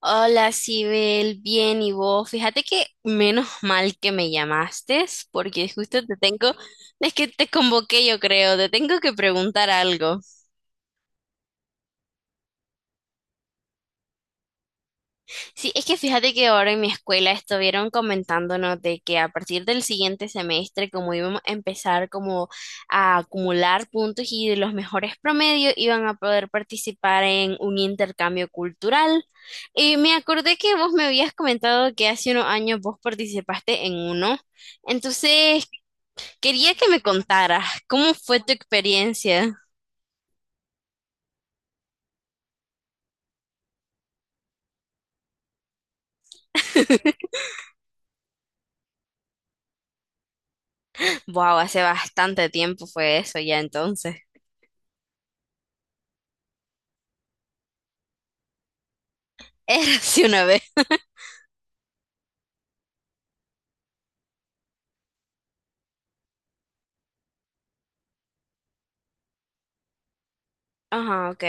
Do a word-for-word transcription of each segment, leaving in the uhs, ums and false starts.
Hola, Sibel, bien, ¿y vos? Fíjate que menos mal que me llamaste, porque justo te tengo, es que te convoqué, yo creo, te tengo que preguntar algo. Sí, es que fíjate que ahora en mi escuela estuvieron comentándonos de que a partir del siguiente semestre, como íbamos a empezar como a acumular puntos y de los mejores promedios, iban a poder participar en un intercambio cultural. Y me acordé que vos me habías comentado que hace unos años vos participaste en uno. Entonces, quería que me contaras cómo fue tu experiencia. Wow, hace bastante tiempo fue eso ya entonces. Era así una vez. Ajá, ok.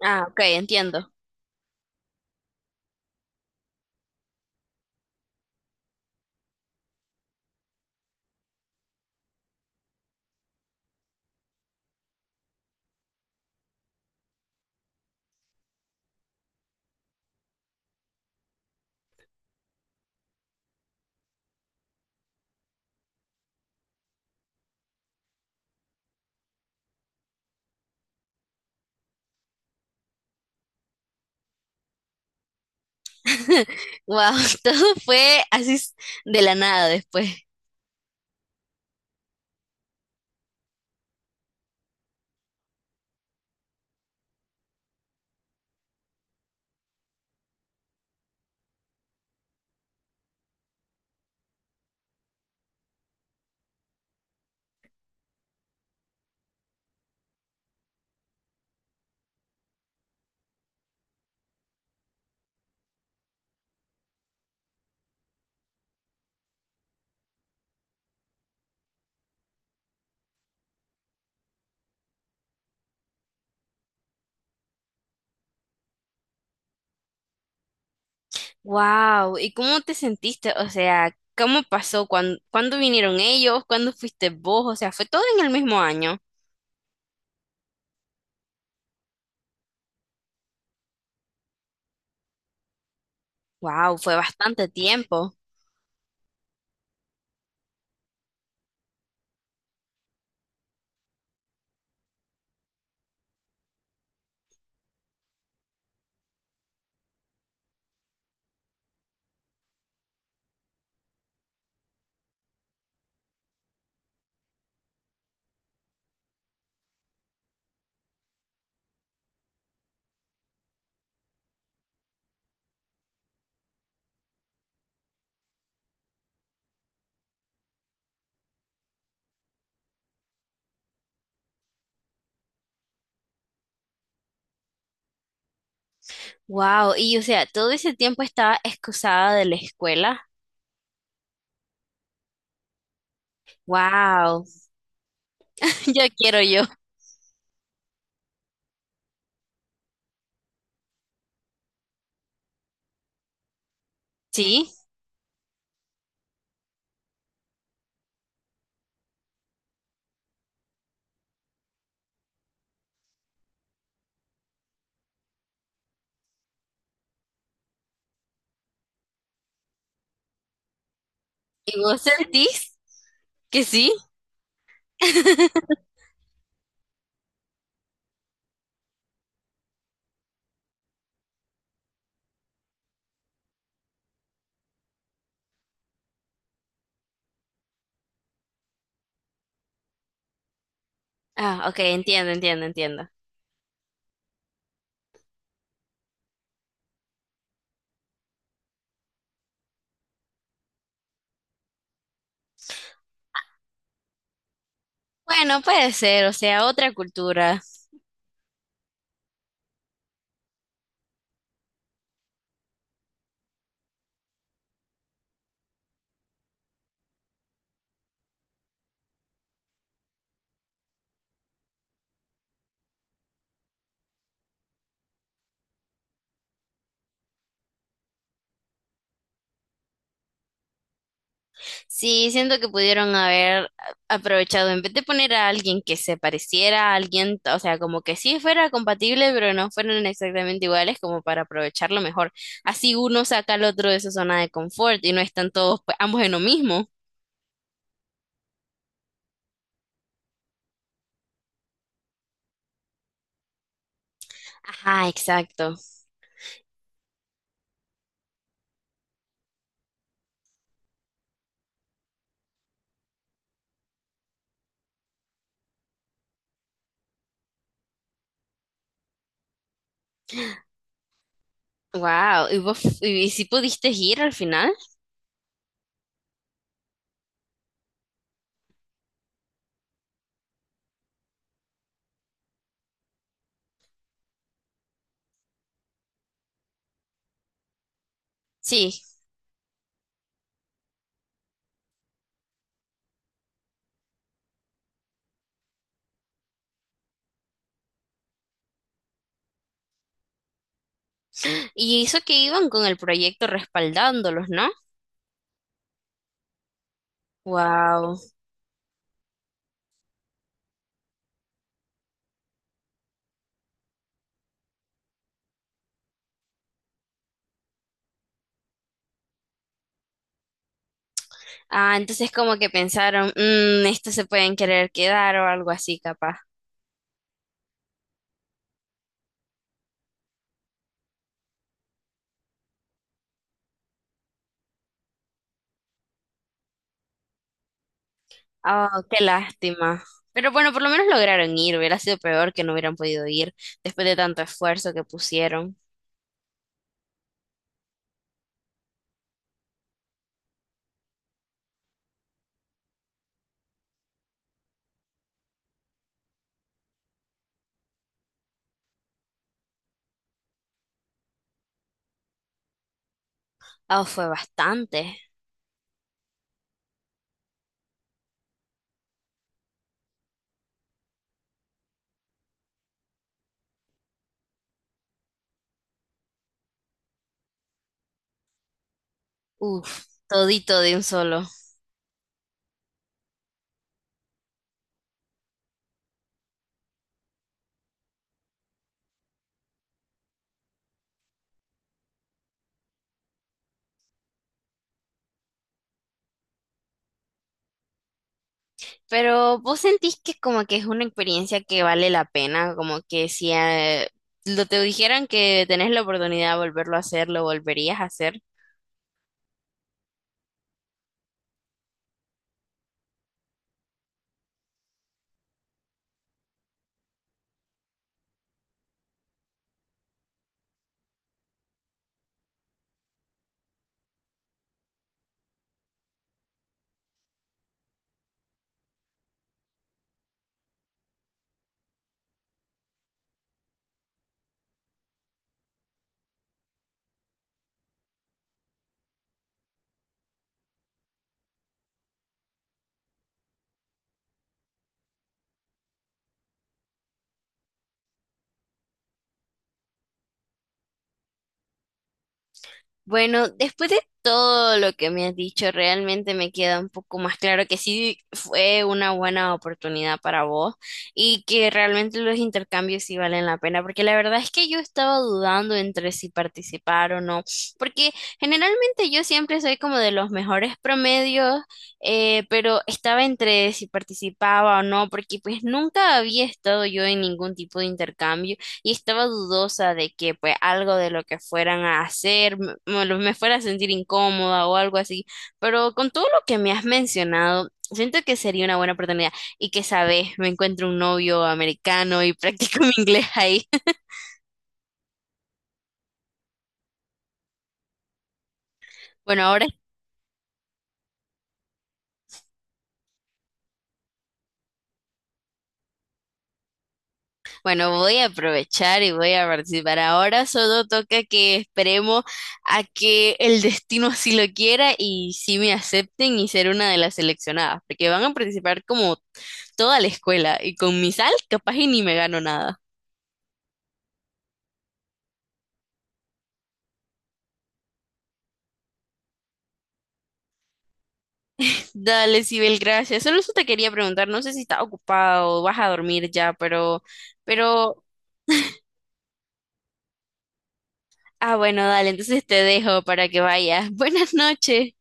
Ah, ok, entiendo. Wow, todo fue así s- de la nada después. Wow, ¿y cómo te sentiste? O sea, ¿cómo pasó? ¿Cuándo, cuándo vinieron ellos? ¿Cuándo fuiste vos? O sea, ¿fue todo en el mismo año? Wow, fue bastante tiempo. Wow, y o sea, todo ese tiempo estaba excusada de la escuela. Wow, yo quiero yo. ¿Sí? ¿Y vos sentís que sí? Ah, ok, entiendo, entiendo, entiendo. Bueno, puede ser, o sea, otra cultura. Sí, siento que pudieron haber aprovechado, en vez de poner a alguien que se pareciera a alguien, o sea, como que sí fuera compatible, pero no fueran exactamente iguales, como para aprovecharlo mejor. Así uno saca al otro de su zona de confort y no están todos, pues, ambos en lo mismo. Ajá, exacto. Wow, ¿y vos, y si pudiste ir al final? Sí, y eso que iban con el proyecto respaldándolos, ¿no? Wow. Ah, entonces como que pensaron, mmm, estos se pueden querer quedar o algo así, capaz. Ah, qué lástima. Pero bueno, por lo menos lograron ir. Hubiera sido peor que no hubieran podido ir después de tanto esfuerzo que pusieron. Ah, fue bastante. Uf, todito de un solo. Pero vos sentís que como que es una experiencia que vale la pena, como que si eh, lo te dijeran que tenés la oportunidad de volverlo a hacer, lo volverías a hacer. Bueno, después de todo lo que me has dicho, realmente me queda un poco más claro que sí fue una buena oportunidad para vos y que realmente los intercambios sí valen la pena, porque la verdad es que yo estaba dudando entre si participar o no, porque generalmente yo siempre soy como de los mejores promedios, eh, pero estaba entre si participaba o no, porque pues nunca había estado yo en ningún tipo de intercambio y estaba dudosa de que pues algo de lo que fueran a hacer me, me- lo- me fuera a sentir incómoda o algo así, pero con todo lo que me has mencionado, siento que sería una buena oportunidad y que sabes, me encuentro un novio americano y practico mi inglés ahí. Bueno, ahora Bueno, voy a aprovechar y voy a participar. Ahora solo toca que esperemos a que el destino así lo quiera y si me acepten y ser una de las seleccionadas, porque van a participar como toda la escuela y con mi sal capaz y ni me gano nada. Dale, Sibel, gracias. Solo eso te quería preguntar, no sé si estás ocupado o vas a dormir ya, pero, pero, ah, bueno, dale, entonces te dejo para que vayas. Buenas noches.